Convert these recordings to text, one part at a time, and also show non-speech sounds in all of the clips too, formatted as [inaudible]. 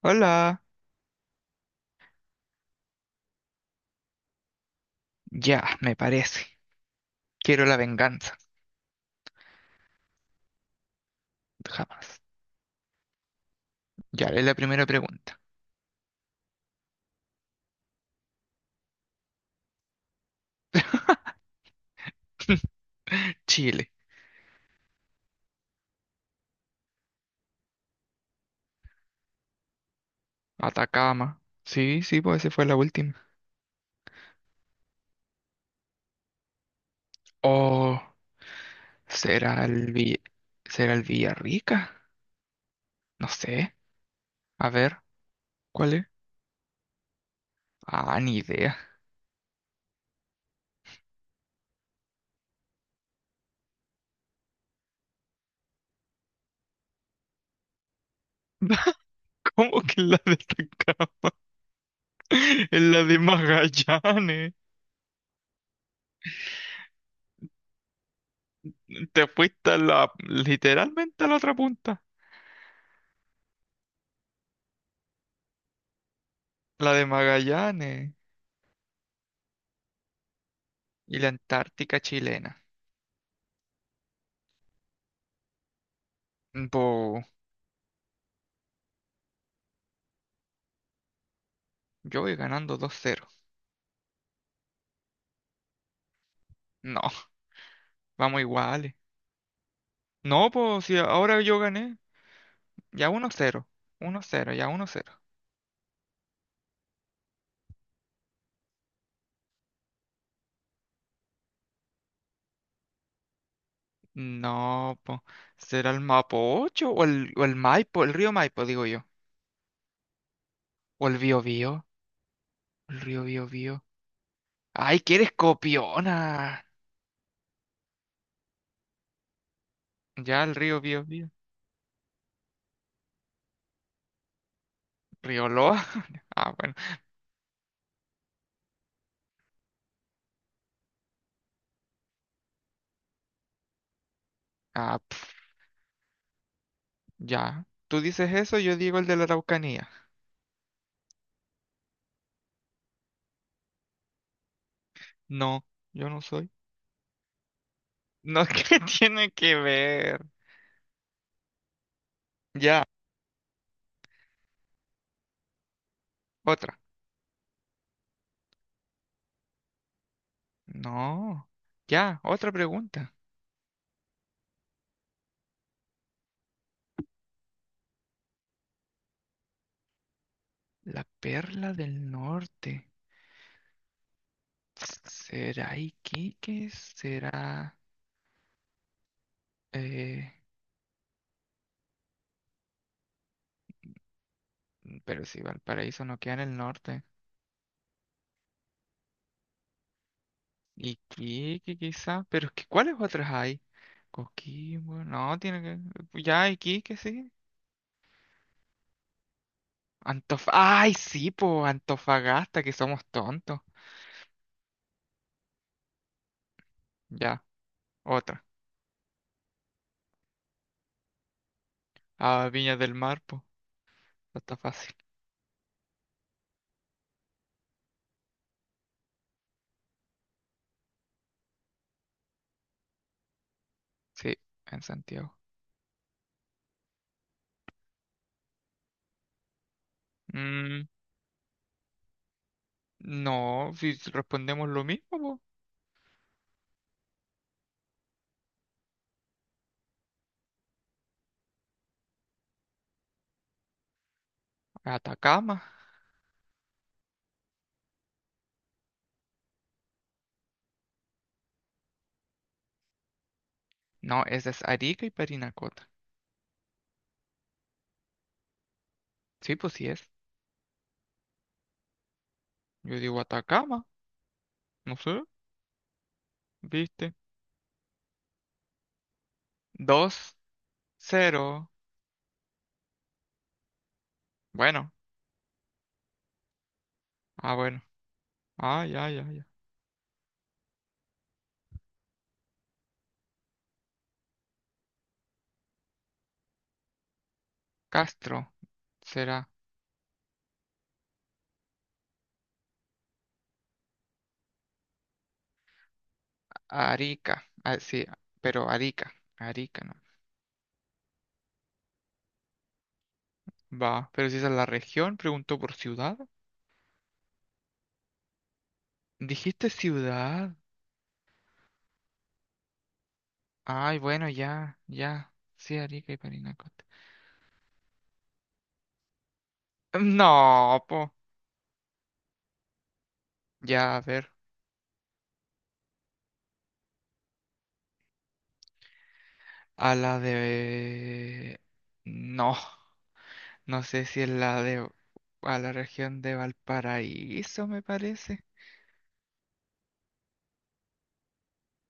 Hola, ya, me parece. Quiero la venganza. Jamás. Ya, es la primera pregunta. [laughs] Chile, Atacama. Sí, sí, pues esa fue la última. O será el Vi- será el Villarrica. No sé. A ver, ¿cuál es? Ah, ni idea. [laughs] ¿Cómo que la de Atacama? [laughs] Es la de Magallanes. Te fuiste a literalmente a la otra punta. La de Magallanes y la Antártica chilena. Yo voy ganando 2-0. No, [laughs] vamos iguales. No, pues si ahora yo gané, ya 1-0. 1-0, ya 1-0. No, pues será el Mapocho o o el Maipo, el río Maipo, digo yo. O el Biobío, el río Biobío. Ay, que eres copiona. Ya el río Biobío. Río Loa. [laughs] Ah, bueno. Ah, ya. Tú dices eso, yo digo el de la Araucanía. No, yo no soy. No, [laughs] ¿qué tiene que ver? Ya, otra. No. Ya, otra pregunta. La perla del norte. ¿Será Iquique? Eh, pero si Valparaíso no queda en el norte. Iquique quizá. Pero es que ¿cuáles otras hay? Coquimbo. No, pues, ya, Iquique, sí. Ay, sí, po. Antofagasta, que somos tontos. Ya, otra. Ah, Viña del Mar, po. Está fácil. Sí, en Santiago. Mm, no, si respondemos lo mismo, po. Atacama. No, esa es Arica y Parinacota. Sí, pues sí es. Yo digo Atacama. No sé, ¿viste? Dos, cero. Bueno, ah, bueno. Ah, ya, ya, ya. Castro será Arica. Ah, sí, pero Arica. Arica, no. Va, pero si esa es la región, preguntó por ciudad. Dijiste ciudad. Ay, bueno, ya, ya. Sí, Arica y Parinacota. No, po. Ya, a ver. A la de... No, no sé si es la de... A la región de Valparaíso, me parece.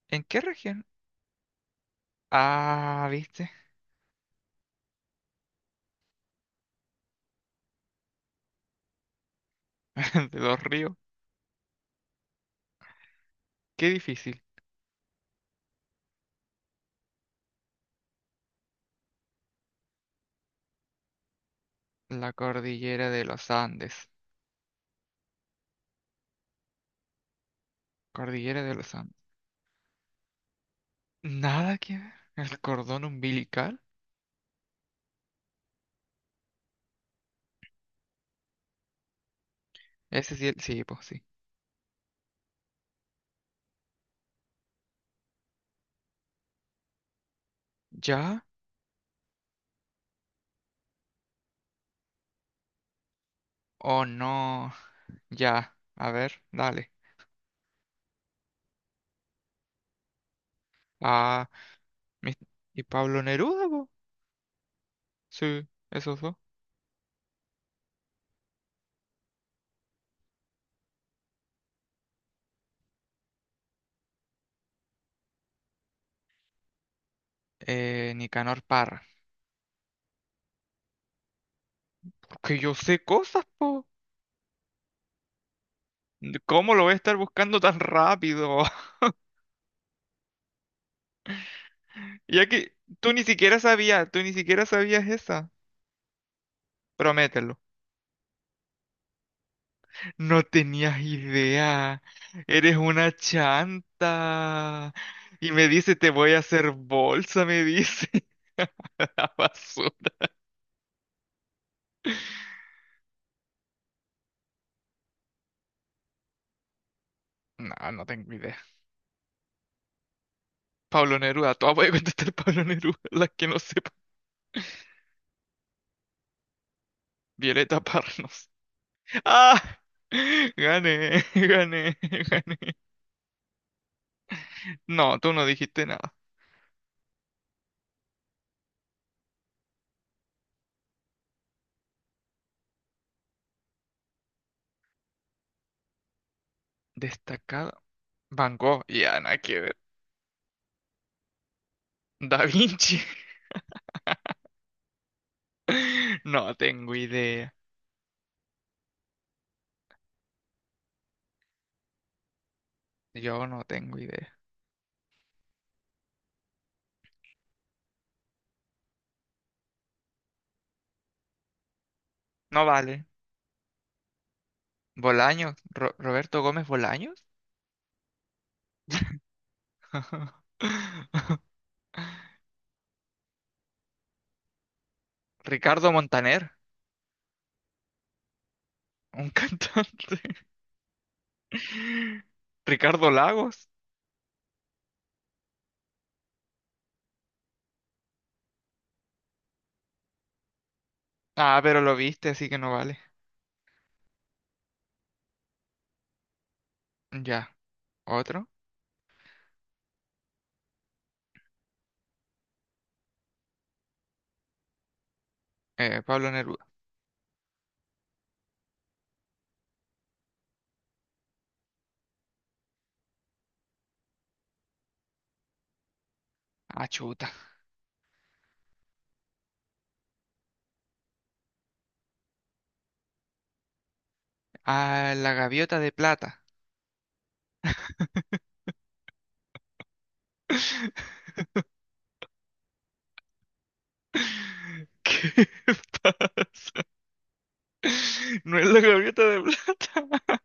¿En qué región? Ah, ¿viste? [laughs] De los ríos. Qué difícil. La cordillera de los Andes. Cordillera de los Andes. Nada que ver. ¿El cordón umbilical? Ese sí, sí, pues sí. ¿Ya o no? Ya. A ver, dale. Ah, mis- ¿y Pablo Neruda, po? Sí, esos dos. Nicanor Parra. Que yo sé cosas, po. ¿Cómo lo voy a estar buscando tan rápido? [laughs] Ya que tú ni siquiera sabías esa. Promételo. No tenías idea. Eres una chanta. Y me dice, te voy a hacer bolsa, me dice. [laughs] La basura. No, no tengo idea. Pablo Neruda, todas voy a contestar [laughs] Pablo Neruda, las que no sepan. Violeta Parnos. ¡Ah! Gané, [laughs] gané, gané. No, tú no dijiste nada. Destacado. Van Gogh, ya nada que ver. Da Vinci. [laughs] No tengo idea. Yo no tengo idea. No vale. Bolaños. Roberto Gómez Bolaños. [laughs] Ricardo Montaner. Un cantante. [laughs] Ricardo Lagos. Ah, pero lo viste, así que no vale. Ya. Otro. Pablo Neruda. Ah, chuta. Ah, la gaviota de plata. [laughs] ¿Qué pasa? No es la gaviota de plata.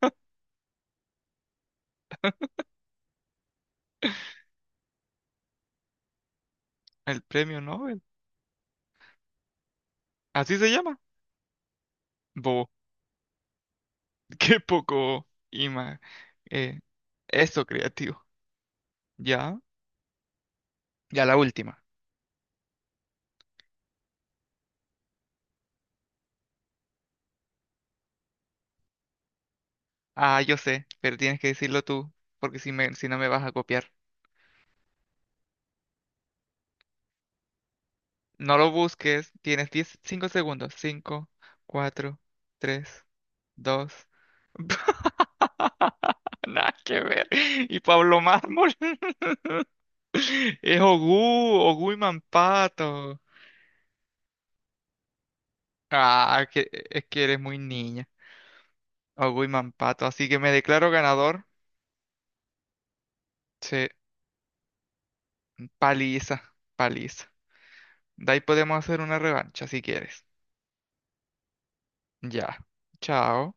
El premio Nobel. Así se llama. Bobo. Qué poco ima. eh, eso creativo. Ya. Ya la última. Ah, yo sé, pero tienes que decirlo tú, porque si no me vas a copiar. No lo busques. Tienes 10, 5 segundos. 5, 4, 3, 2. [laughs] Nada que ver. Y Pablo Mármol. [laughs] Es Ogú y Mampato. Ah, es que eres muy niña. Ogui Mampato. Así que me declaro ganador. Sí, paliza, paliza. De ahí podemos hacer una revancha si quieres. Ya. Chao.